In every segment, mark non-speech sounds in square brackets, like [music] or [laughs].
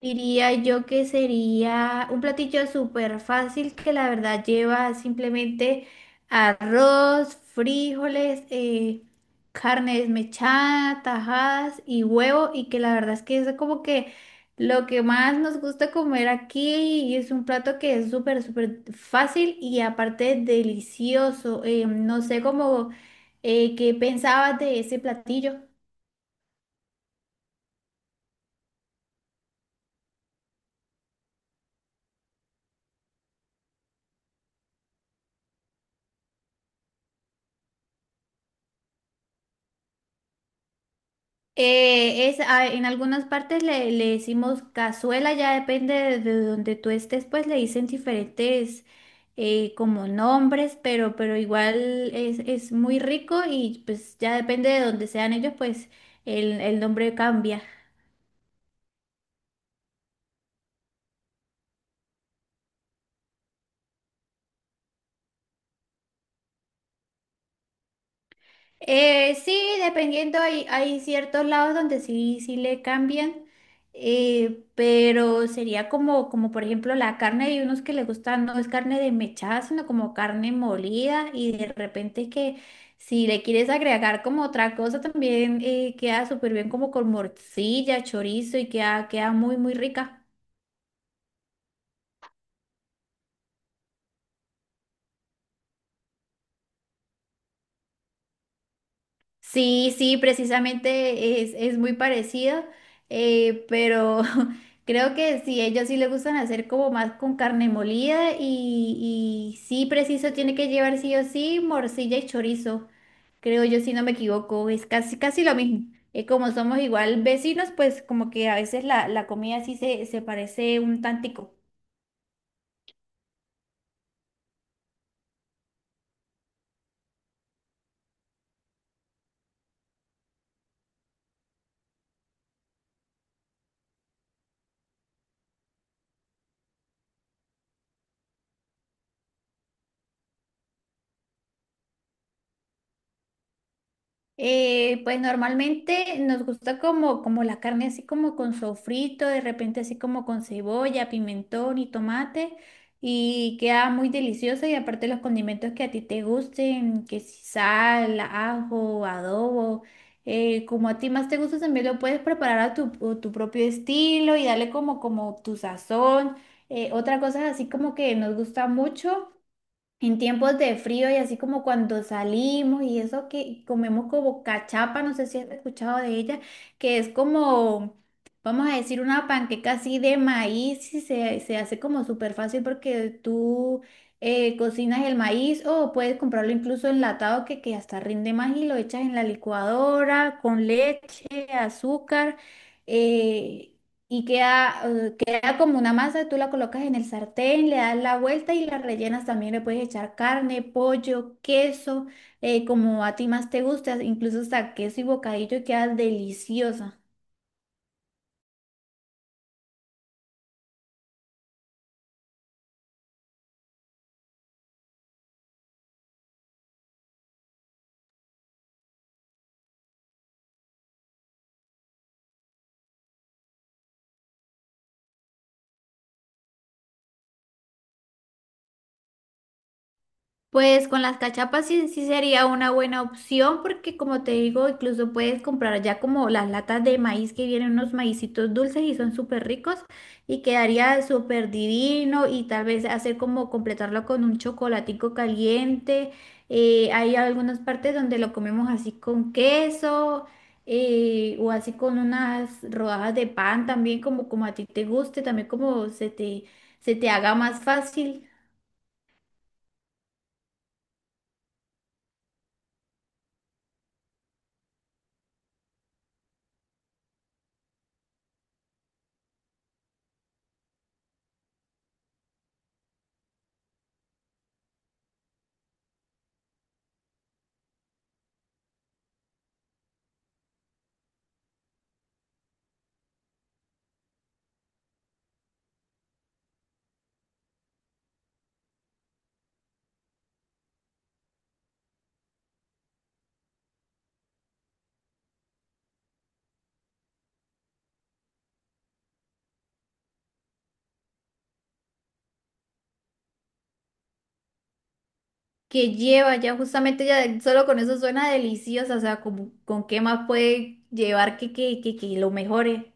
Diría yo que sería un platillo súper fácil que la verdad lleva simplemente arroz, frijoles, carne desmechada, tajadas y huevo, y que la verdad es que es como que lo que más nos gusta comer aquí, y es un plato que es súper, súper fácil y aparte delicioso. No sé cómo, qué pensabas de ese platillo. En algunas partes le decimos cazuela, ya depende de donde tú estés, pues le dicen diferentes como nombres, pero igual es muy rico, y pues ya depende de donde sean ellos, pues el nombre cambia. Sí, dependiendo, hay ciertos lados donde sí, sí le cambian, pero sería como, como por ejemplo la carne, hay unos que les gusta, no es carne desmechada, sino como carne molida, y de repente que si le quieres agregar como otra cosa también queda súper bien como con morcilla, chorizo, y queda, queda muy, muy rica. Sí, sí, precisamente es muy parecido, pero [laughs] creo que sí, ellos sí les gustan hacer como más con carne molida, y sí, preciso, tiene que llevar sí o sí morcilla y chorizo, creo yo, si no me equivoco, es casi, casi lo mismo. Como somos igual vecinos, pues como que a veces la comida sí se parece un tantico. Pues normalmente nos gusta como, como la carne así como con sofrito, de repente así como con cebolla, pimentón y tomate, y queda muy deliciosa, y aparte los condimentos que a ti te gusten, que si sal, ajo, adobo, como a ti más te gusta también lo puedes preparar a tu propio estilo y darle como, como tu sazón. Otra cosa así como que nos gusta mucho. En tiempos de frío y así como cuando salimos y eso, que comemos como cachapa, no sé si has escuchado de ella, que es como, vamos a decir, una panqueca así de maíz, y se hace como súper fácil porque tú cocinas el maíz, o puedes comprarlo incluso enlatado, que hasta rinde más, y lo echas en la licuadora con leche, azúcar, eh, y queda, queda como una masa, tú la colocas en el sartén, le das la vuelta y la rellenas también. Le puedes echar carne, pollo, queso, como a ti más te gusta, incluso hasta queso y bocadillo, y queda deliciosa. Pues con las cachapas sí, sí sería una buena opción, porque como te digo, incluso puedes comprar ya como las latas de maíz, que vienen unos maicitos dulces y son súper ricos, y quedaría súper divino, y tal vez hacer como completarlo con un chocolatico caliente. Hay algunas partes donde lo comemos así con queso, o así con unas rodajas de pan también, como, como a ti te guste, también como se te haga más fácil. Que lleva ya justamente, ya solo con eso suena deliciosa, o sea, como, ¿con qué más puede llevar que, que lo mejore?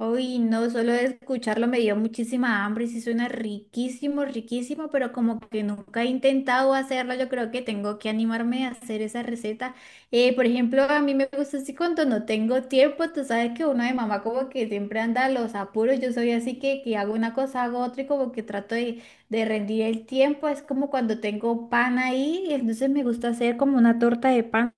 Uy, no, solo de escucharlo me dio muchísima hambre, sí suena riquísimo, riquísimo, pero como que nunca he intentado hacerlo, yo creo que tengo que animarme a hacer esa receta. Por ejemplo, a mí me gusta así cuando no tengo tiempo, tú sabes que uno de mamá como que siempre anda a los apuros, yo soy así que hago una cosa, hago otra, y como que trato de rendir el tiempo, es como cuando tengo pan ahí, entonces me gusta hacer como una torta de pan.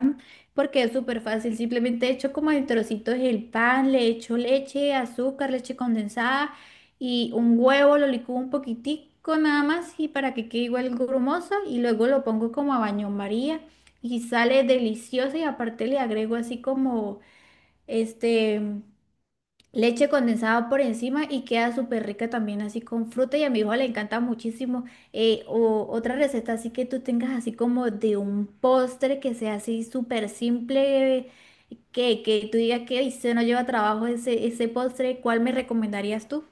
Porque es súper fácil, simplemente echo como en trocitos el pan, le echo leche, azúcar, leche condensada y un huevo, lo licúo un poquitico nada más, y para que quede igual grumoso, y luego lo pongo como a baño María y sale delicioso, y aparte le agrego así como este leche condensada por encima, y queda súper rica también así con fruta, y a mi hijo le encanta muchísimo. O otra receta así que tú tengas así como de un postre que sea así súper simple, que tú digas que, "Ay, se no lleva trabajo ese, ese postre", ¿cuál me recomendarías tú?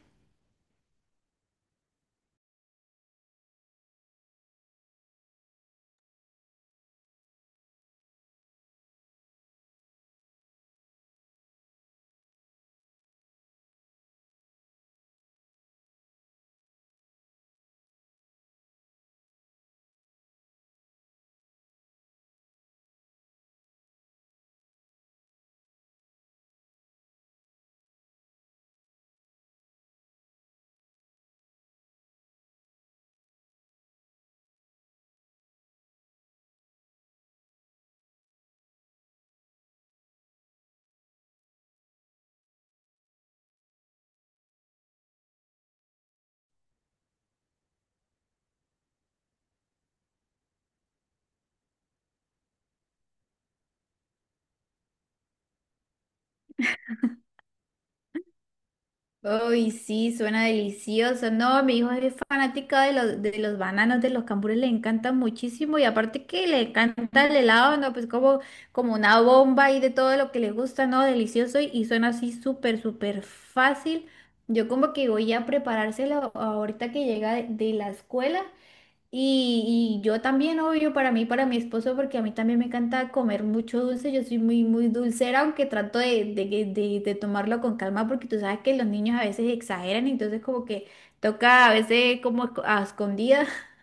Uy, sí, suena delicioso. No, mi hijo es fanática de los bananos, de los cambures, le encantan muchísimo, y aparte que le encanta el helado, ¿no? Pues como, como una bomba y de todo lo que le gusta, ¿no? Delicioso, y suena así súper, súper fácil. Yo como que voy a preparárselo ahorita que llega de la escuela, y yo también, obvio, para mí, para mi esposo, porque a mí también me encanta comer mucho dulce. Yo soy muy, muy dulcera, aunque trato de, que- de tomarlo con calma, porque tú sabes que los niños a veces exageran, entonces como que toca a veces como esco- a escondidas. [laughs]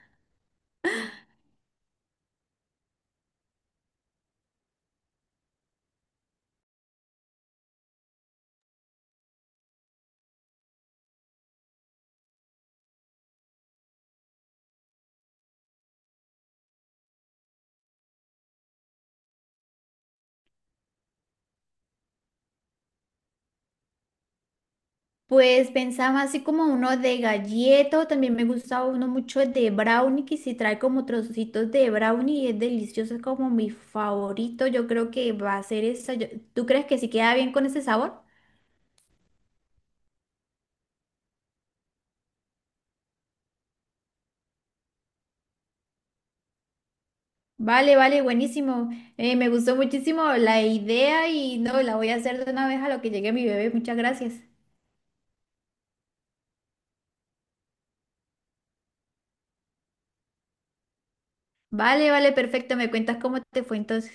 Pues pensaba así como uno de galleta, o también me gusta uno mucho de brownie, que si trae como trocitos de brownie, y es delicioso, es como mi favorito. Yo creo que va a ser esa. Yo- ¿tú crees que si queda bien con ese sabor? Vale, vale, buenísimo. Me gustó muchísimo la idea, y no, la voy a hacer de una vez a lo que llegue mi bebé. Muchas gracias. Vale, vale, perfecto. Me cuentas cómo te fue entonces.